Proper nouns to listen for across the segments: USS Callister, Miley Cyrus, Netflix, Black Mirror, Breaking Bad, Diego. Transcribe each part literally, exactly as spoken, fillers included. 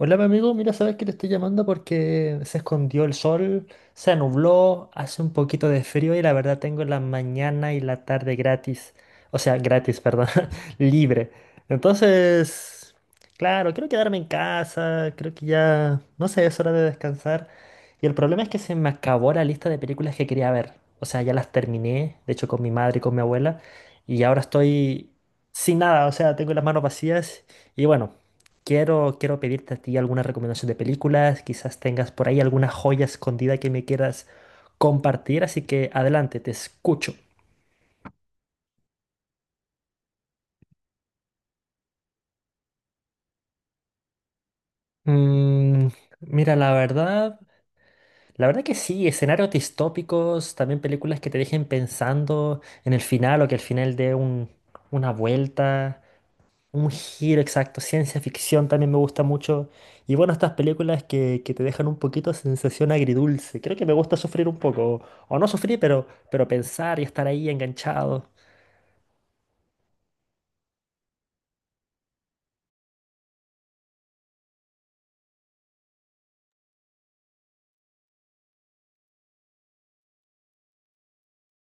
Hola, mi amigo. Mira, sabes que te estoy llamando porque se escondió el sol, se nubló, hace un poquito de frío y la verdad tengo la mañana y la tarde gratis. O sea, gratis, perdón, libre. Entonces, claro, quiero quedarme en casa, creo que ya, no sé, es hora de descansar. Y el problema es que se me acabó la lista de películas que quería ver. O sea, ya las terminé, de hecho, con mi madre y con mi abuela, y ahora estoy sin nada, o sea, tengo las manos vacías y bueno. Quiero, quiero pedirte a ti alguna recomendación de películas, quizás tengas por ahí alguna joya escondida que me quieras compartir, así que adelante, te escucho. Mm, Mira, la verdad, la verdad que sí, escenarios distópicos, también películas que te dejen pensando en el final o que al final dé un- una vuelta. Un giro exacto, ciencia ficción también me gusta mucho. Y bueno, estas películas que, que te dejan un poquito de sensación agridulce. Creo que me gusta sufrir un poco, o o no sufrir, pero, pero pensar y estar ahí enganchado.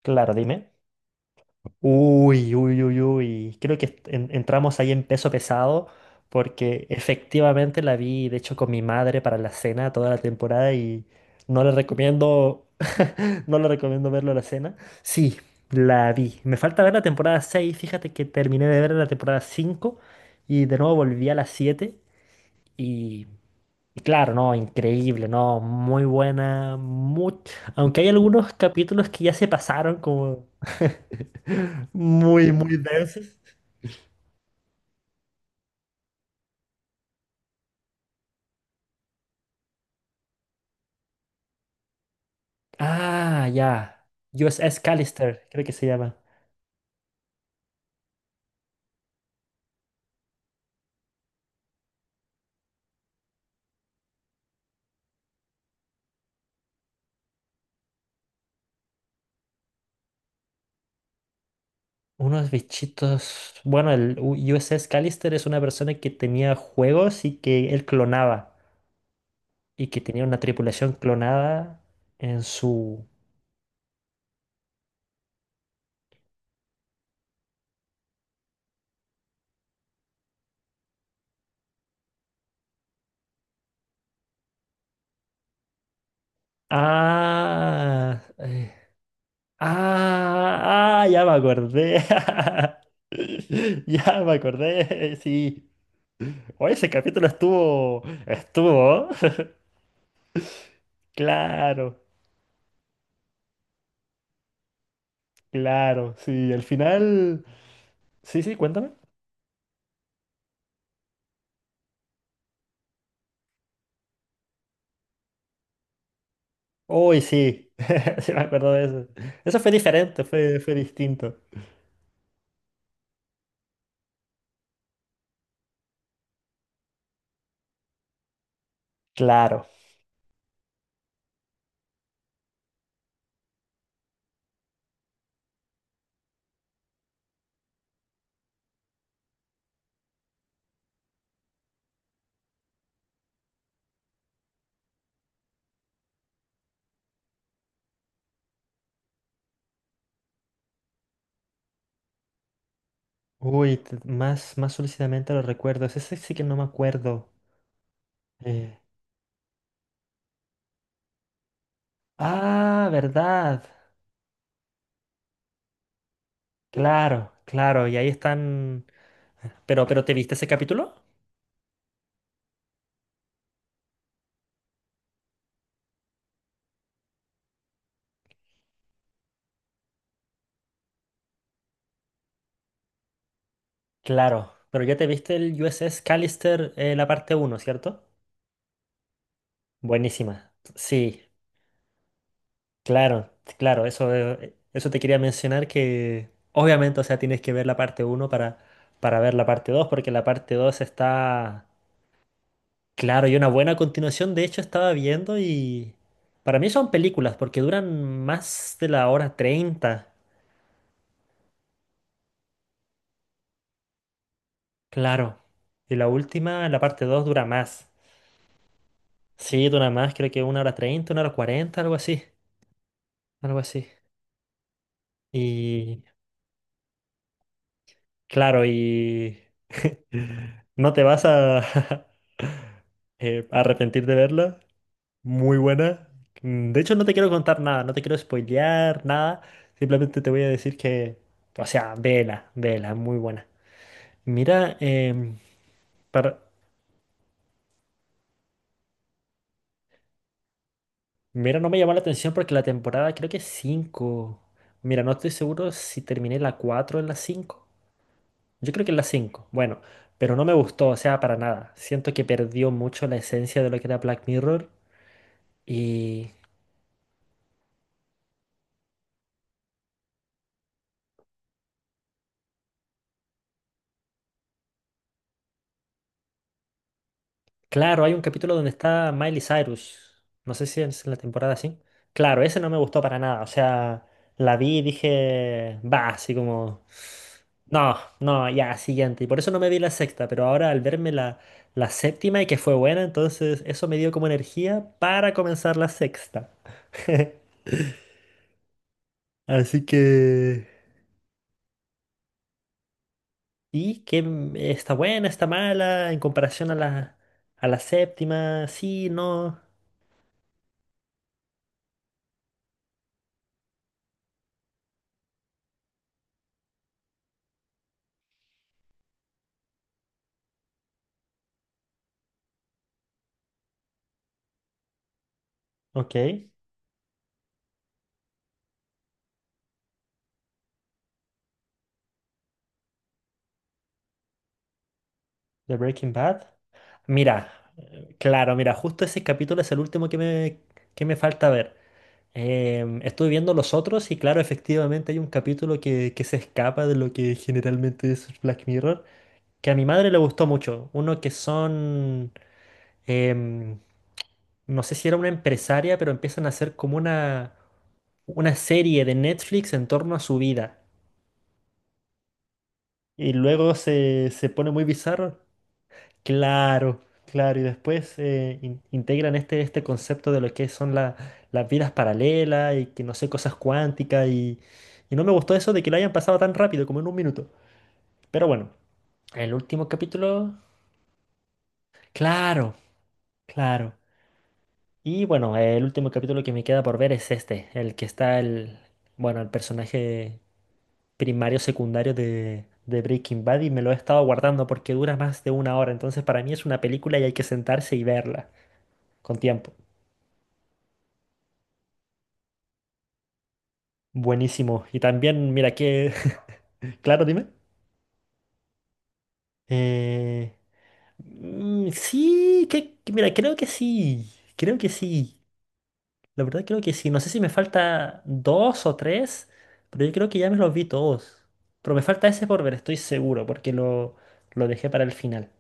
Claro, dime. Uy, uy, uy, uy. Creo que est- en- entramos ahí en peso pesado porque efectivamente la vi, de hecho, con mi madre para la cena toda la temporada y no le recomiendo, no le recomiendo verlo a la cena. Sí, la vi. Me falta ver la temporada seis. Fíjate que terminé de ver la temporada cinco y de nuevo volví a la siete y claro, no, increíble, no, muy buena, much- aunque hay algunos capítulos que ya se pasaron como muy, muy densos. Ah, ya, U S S Callister, creo que se llama. Unos bichitos, bueno, el U- USS Callister es una persona que tenía juegos y que él clonaba y que tenía una tripulación clonada en su. Ah, eh, Ah, ah, ya me acordé. Ya me acordé, sí. Oye, ese capítulo estuvo, estuvo. Claro, claro, sí. Al final, sí, sí, cuéntame. Uy, sí, sí me acuerdo de eso. Eso fue diferente, fue, fue distinto. Claro. Uy, t- más, más solicitamente los recuerdos. Ese sí sí que no me acuerdo. Eh, Ah, verdad. Claro, claro. Y ahí están. Pero, pero ¿te viste ese capítulo? Claro, pero ya te viste el U S S Callister, eh, la parte uno, ¿cierto? Buenísima. Sí, claro, claro, eso, eh, eso te quería mencionar que obviamente, o sea, tienes que ver la parte uno para, para ver la parte dos, porque la parte dos está, claro, y una buena continuación, de hecho estaba viendo y para mí son películas, porque duran más de la hora treinta. Claro. Y la última, la parte dos, dura más. Sí, dura más, creo que una hora treinta, una hora cuarenta, algo así, algo así. Y claro, y no te vas a eh, arrepentir de verla. Muy buena. Mm, De hecho, no te quiero contar nada, no te quiero spoilear nada. Simplemente te voy a decir que, o sea, vela, vela, muy buena. Mira, em, para, mira, no me llamó la atención porque la temporada creo que es cinco. Mira, no estoy seguro si terminé la cuatro o en la cinco. Yo creo que en la cinco. Bueno, pero no me gustó, o sea, para nada. Siento que perdió mucho la esencia de lo que era Black Mirror. Y claro, hay un capítulo donde está Miley Cyrus. No sé si es en la temporada así. Claro, ese no me gustó para nada. O sea, la vi y dije, va, así como, no, no, ya, siguiente. Y por eso no me vi la sexta, pero ahora al verme la, la séptima y que fue buena, entonces eso me dio como energía para comenzar la sexta. Así que. ¿Y qué m- está buena, está mala en comparación a la, a la séptima? Sí, no. Ok. ¿De Breaking Bad? Mira, eh, claro, mira, justo ese capítulo es el último que me, que me falta ver. Em, estuve viendo los otros y claro, efectivamente hay un capítulo que, que se escapa de lo que generalmente es Black Mirror, que a mi madre le gustó mucho. Uno que son, em, no sé si era una empresaria, pero empiezan a hacer como una, una serie de Netflix en torno a su vida. Y luego se, se pone muy bizarro. Claro, claro. Y después eh, in- integran este, este concepto de lo que son la- las vidas paralelas y que no sé, cosas cuánticas. Y, y no me gustó eso de que lo hayan pasado tan rápido, como en un minuto. Pero bueno, el último capítulo. Claro, claro. Y bueno, el último capítulo que me queda por ver es este, el que está el, bueno, el personaje primario, secundario de, de Breaking Bad y me lo he estado guardando porque dura más de una hora. Entonces para mí es una película y hay que sentarse y verla con tiempo. Buenísimo. Y también, mira que. Claro, dime. Eh, mm, sí, que, que- mira, creo que sí. Creo que sí. La verdad creo que sí. No sé si me falta dos o tres, pero yo creo que ya me los vi todos. Pero me falta ese por ver, estoy seguro, porque lo, lo dejé para el final.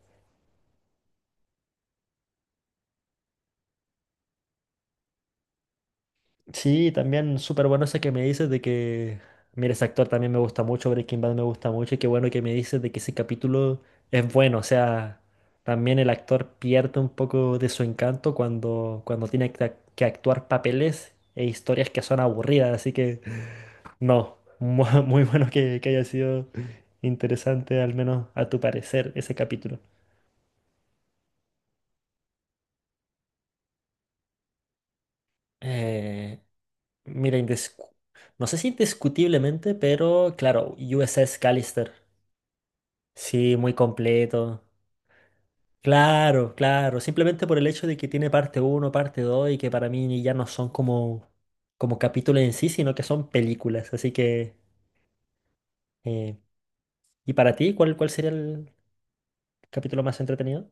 Sí, también súper bueno ese que me dices de que, mira, ese actor también me gusta mucho, Breaking Bad me gusta mucho, y qué bueno que me dices de que ese capítulo es bueno, o sea, también el actor pierde un poco de su encanto cuando, cuando tiene que ac- que actuar papeles e historias que son aburridas, así que no, mu- muy bueno que, que haya sido interesante, al menos a tu parecer, ese capítulo. Eh, mira, indiscu- no sé si indiscutiblemente, pero claro, U S S Callister. Sí, muy completo. Claro, claro. Simplemente por el hecho de que tiene parte uno, parte dos y que para mí ya no son como, como, capítulos en sí, sino que son películas. Así que. eh, ¿Y para ti cuál, cuál sería el capítulo más entretenido?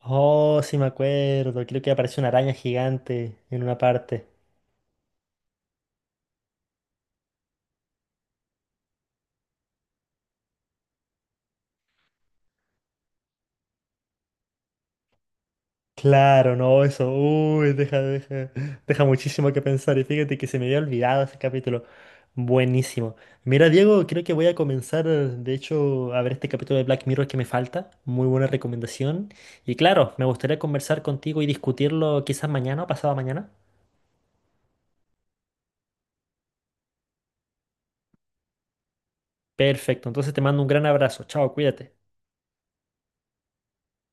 Oh, sí me acuerdo. Creo que aparece una araña gigante en una parte. Claro, no, eso, uy, deja, deja, deja muchísimo que pensar. Y fíjate que se me había olvidado ese capítulo. Buenísimo. Mira, Diego, creo que voy a comenzar, de hecho, a ver este capítulo de Black Mirror que me falta. Muy buena recomendación. Y claro, me gustaría conversar contigo y discutirlo quizás mañana o pasado mañana. Perfecto, entonces te mando un gran abrazo. Chao, cuídate.